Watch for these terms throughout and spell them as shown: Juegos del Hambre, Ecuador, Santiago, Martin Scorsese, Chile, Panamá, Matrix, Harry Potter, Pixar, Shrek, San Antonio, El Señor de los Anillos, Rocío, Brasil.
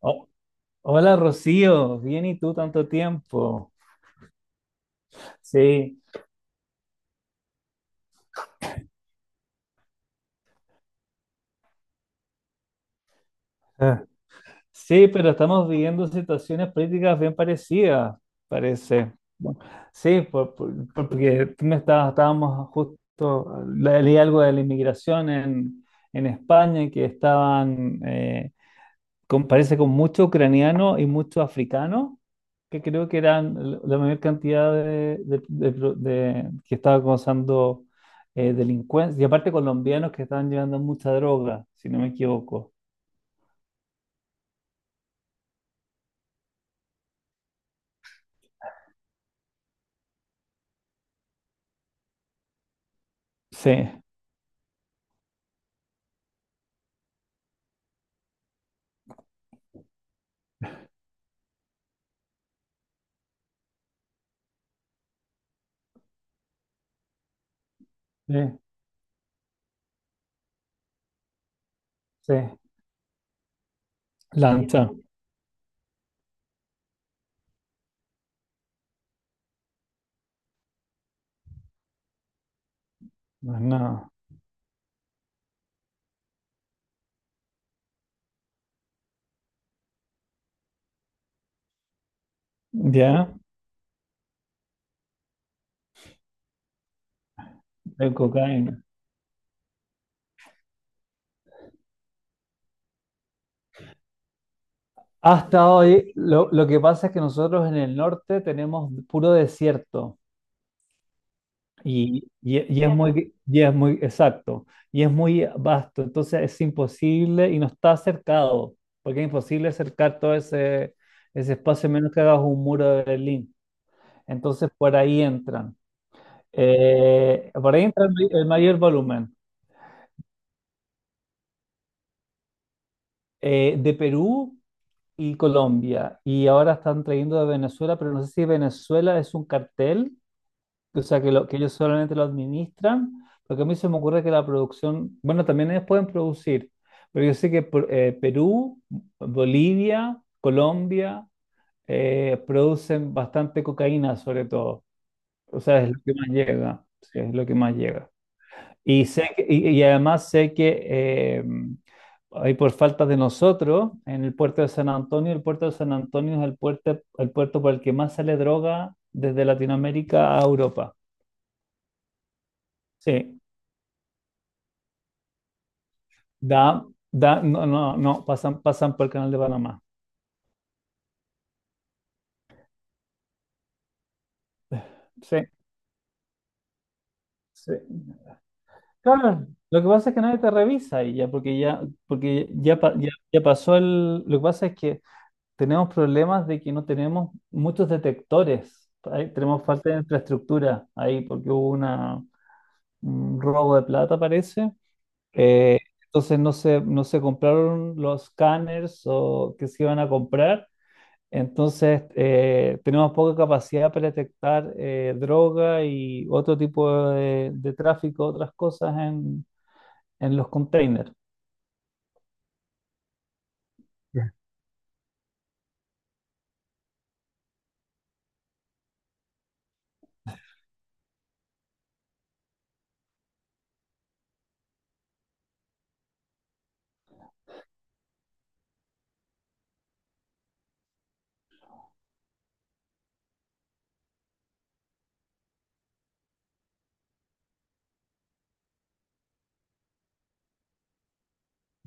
Oh, hola Rocío, bien y tú, tanto tiempo. Sí. Ah, sí, pero estamos viviendo situaciones políticas bien parecidas, parece. Bueno, sí, porque tú me estabas, estábamos justo, leí algo de la inmigración en España, que estaban, parece con mucho ucraniano y mucho africano, que creo que eran la mayor cantidad de que estaba causando delincuencia, y aparte colombianos que estaban llevando mucha droga, si no me equivoco. Sí, sí, sí. Lancha, más nada. Ya, de cocaína. Hasta hoy, lo que pasa es que nosotros en el norte tenemos puro desierto. Y es. Claro, muy, y es muy, exacto, y es muy vasto, entonces es imposible y no está cercado, porque es imposible acercar todo ese espacio a menos que hagas un muro de Berlín. Entonces por ahí entran. Por ahí entra el mayor volumen, de Perú y Colombia, y ahora están trayendo de Venezuela, pero no sé si Venezuela es un cartel. O sea, que ellos solamente lo administran, porque a mí se me ocurre que la producción, bueno, también ellos pueden producir, pero yo sé que Perú, Bolivia, Colombia producen bastante cocaína, sobre todo. O sea, es lo que más llega, sí, es lo que más llega. Y además sé que ahí por falta de nosotros, en el puerto de San Antonio, el puerto de San Antonio es el puerto por el que más sale droga desde Latinoamérica a Europa. Sí. Da, no, no, no, pasan por el canal de Panamá. Sí, sí. Claro, lo que pasa es que nadie te revisa y ya, porque ya, ya pasó. El lo que pasa es que tenemos problemas de que no tenemos muchos detectores. Ahí tenemos falta de infraestructura ahí, porque hubo una, un robo de plata, parece. Eh, entonces no se compraron los scanners o que se iban a comprar. Entonces, tenemos poca capacidad para detectar droga y otro tipo de tráfico, otras cosas en, los containers. Ya.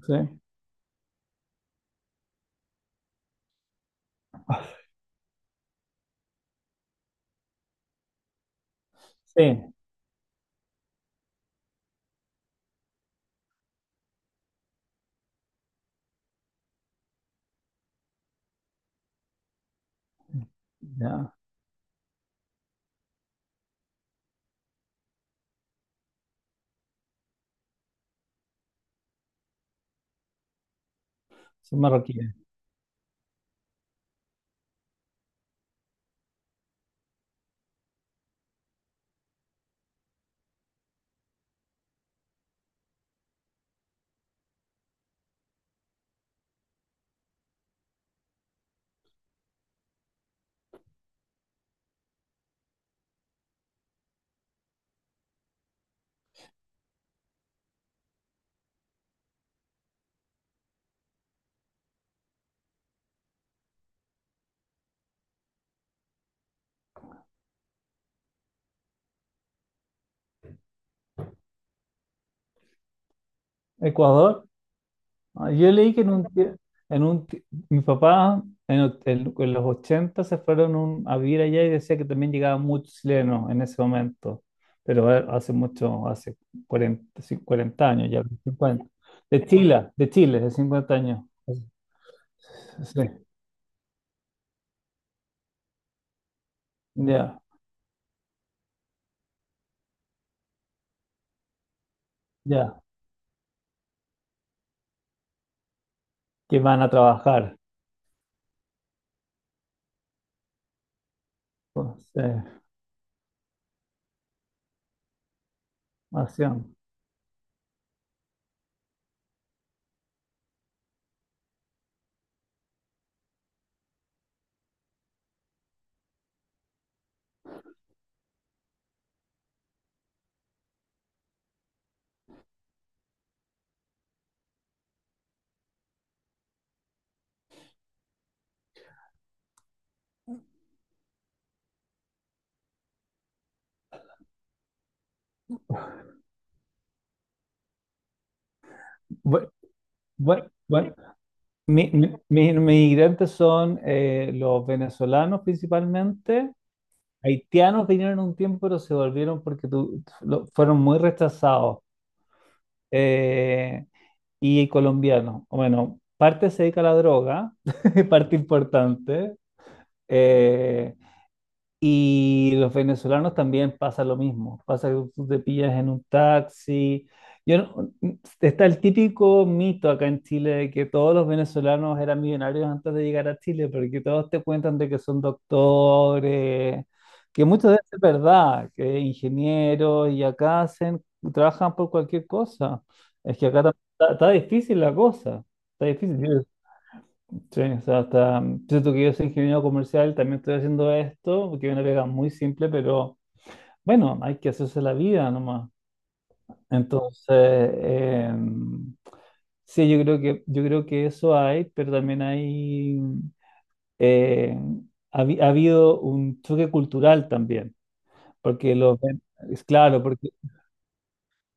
¿Sí? Sí, ya, son marroquíes. Ecuador. Ah, yo leí que en un, tie- en un ti- mi papá en los 80 se fueron a vivir allá y decía que también llegaban muchos chilenos en ese momento, pero hace mucho, hace 40, sí, 40 años ya, cincuenta. De Chile, de Chile, de 50 años. Sí, ya, ya, que van a trabajar. Pues, eh, hacían. Bueno, bueno, bueno, mis inmigrantes son, los venezolanos principalmente. Haitianos vinieron un tiempo, pero se volvieron porque fueron muy rechazados. eh, y colombianos. Bueno, parte se dedica a la droga, parte importante. eh, y los venezolanos también, pasa lo mismo, pasa que tú te pillas en un taxi. Yo no- Está el típico mito acá en Chile de que todos los venezolanos eran millonarios antes de llegar a Chile, porque todos te cuentan de que son doctores, que muchas veces es verdad, que ingenieros, y acá trabajan por cualquier cosa. Es que acá está, difícil la cosa, está difícil. Sí, o sea, hasta, siento que yo soy ingeniero comercial, también estoy haciendo esto, porque es una pega muy simple, pero bueno, hay que hacerse la vida nomás. Entonces, sí, yo creo que eso hay, pero también hay, eh, ha habido un choque cultural también, porque es claro, porque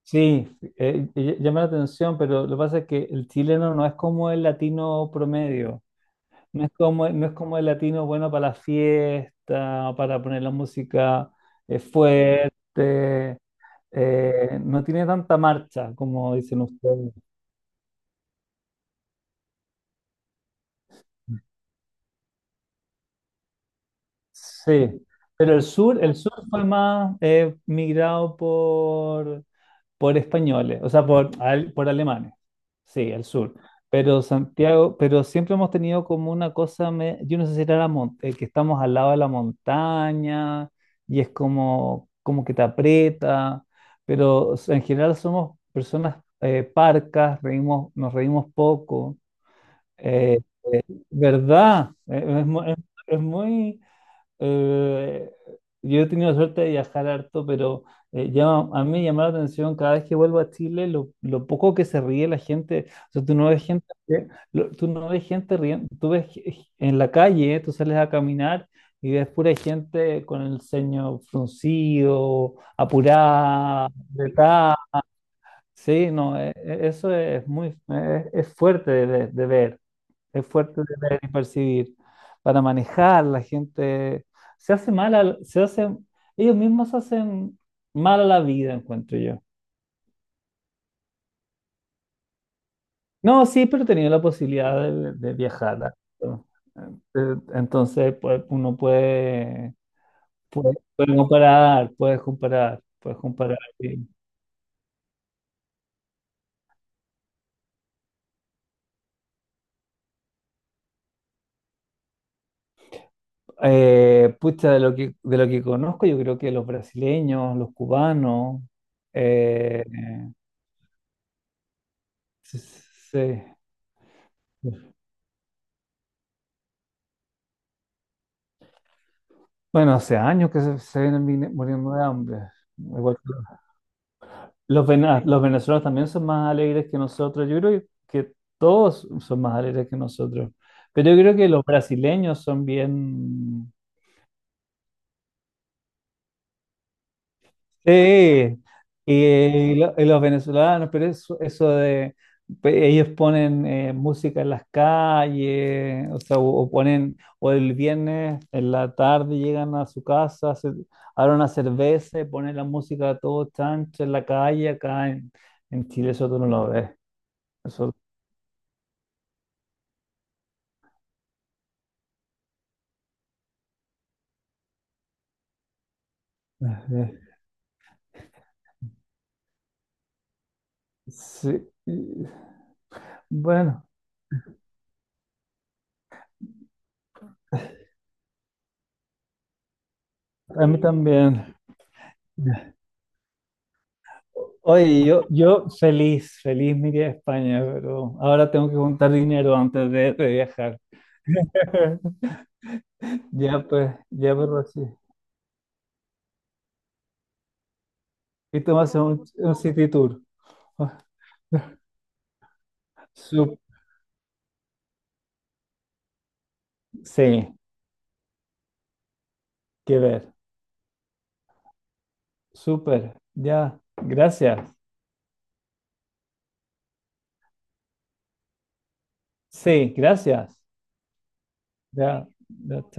sí, llama la atención, pero lo que pasa es que el chileno no es como el latino promedio. No es como el latino bueno para la fiesta, para poner la música fuerte. No tiene tanta marcha, como dicen ustedes. Sí, pero el sur fue más, migrado por españoles, o sea, por alemanes. Sí, el sur. Pero Santiago, pero siempre hemos tenido como una cosa, yo no sé si era que estamos al lado de la montaña y es como, como que te aprieta, pero o sea, en general somos personas, parcas, reímos, nos reímos poco. Eh, ¿Verdad? Es muy... Eh, yo he tenido la suerte de viajar harto, pero a mí me llama la atención cada vez que vuelvo a Chile lo poco que se ríe la gente. O sea, tú no ves gente, tú no ves gente riendo, tú en la calle, tú sales a caminar y ves pura gente con el ceño fruncido, apurada. Sí, no, eso es fuerte de ver, es fuerte de ver y percibir. Para manejar, la gente se hace mal, se hacen, ellos mismos se hacen mal a la vida, encuentro yo. No, sí, pero he tenido la posibilidad de viajar. ¿No? Entonces, pues, uno puede comparar, puedes comparar, puedes comparar. Sí. Pucha, de lo que, conozco, yo creo que los brasileños, los cubanos, eh, se- se- bueno, hace años que se vienen muriendo de hambre. Igual que los venezolanos también son más alegres que nosotros. Yo creo que todos son más alegres que nosotros. Pero yo creo que los brasileños son bien. Sí, y los venezolanos, pero eso, de ellos ponen, música en las calles, o sea, o ponen, o el viernes en la tarde llegan a su casa, se abren una cerveza y ponen la música a todo chancho en la calle, acá en Chile eso tú no lo ves. Eso, eh, eh, sí. Bueno, a mí también. Oye, yo feliz, feliz me iría a España, pero ahora tengo que juntar dinero antes de viajar. Ya pues, Rosy. Y tú vas a un city tour. Ah, sup- sí, que ver. Súper, ya. Gracias. Sí, gracias. Ya, ya, chao.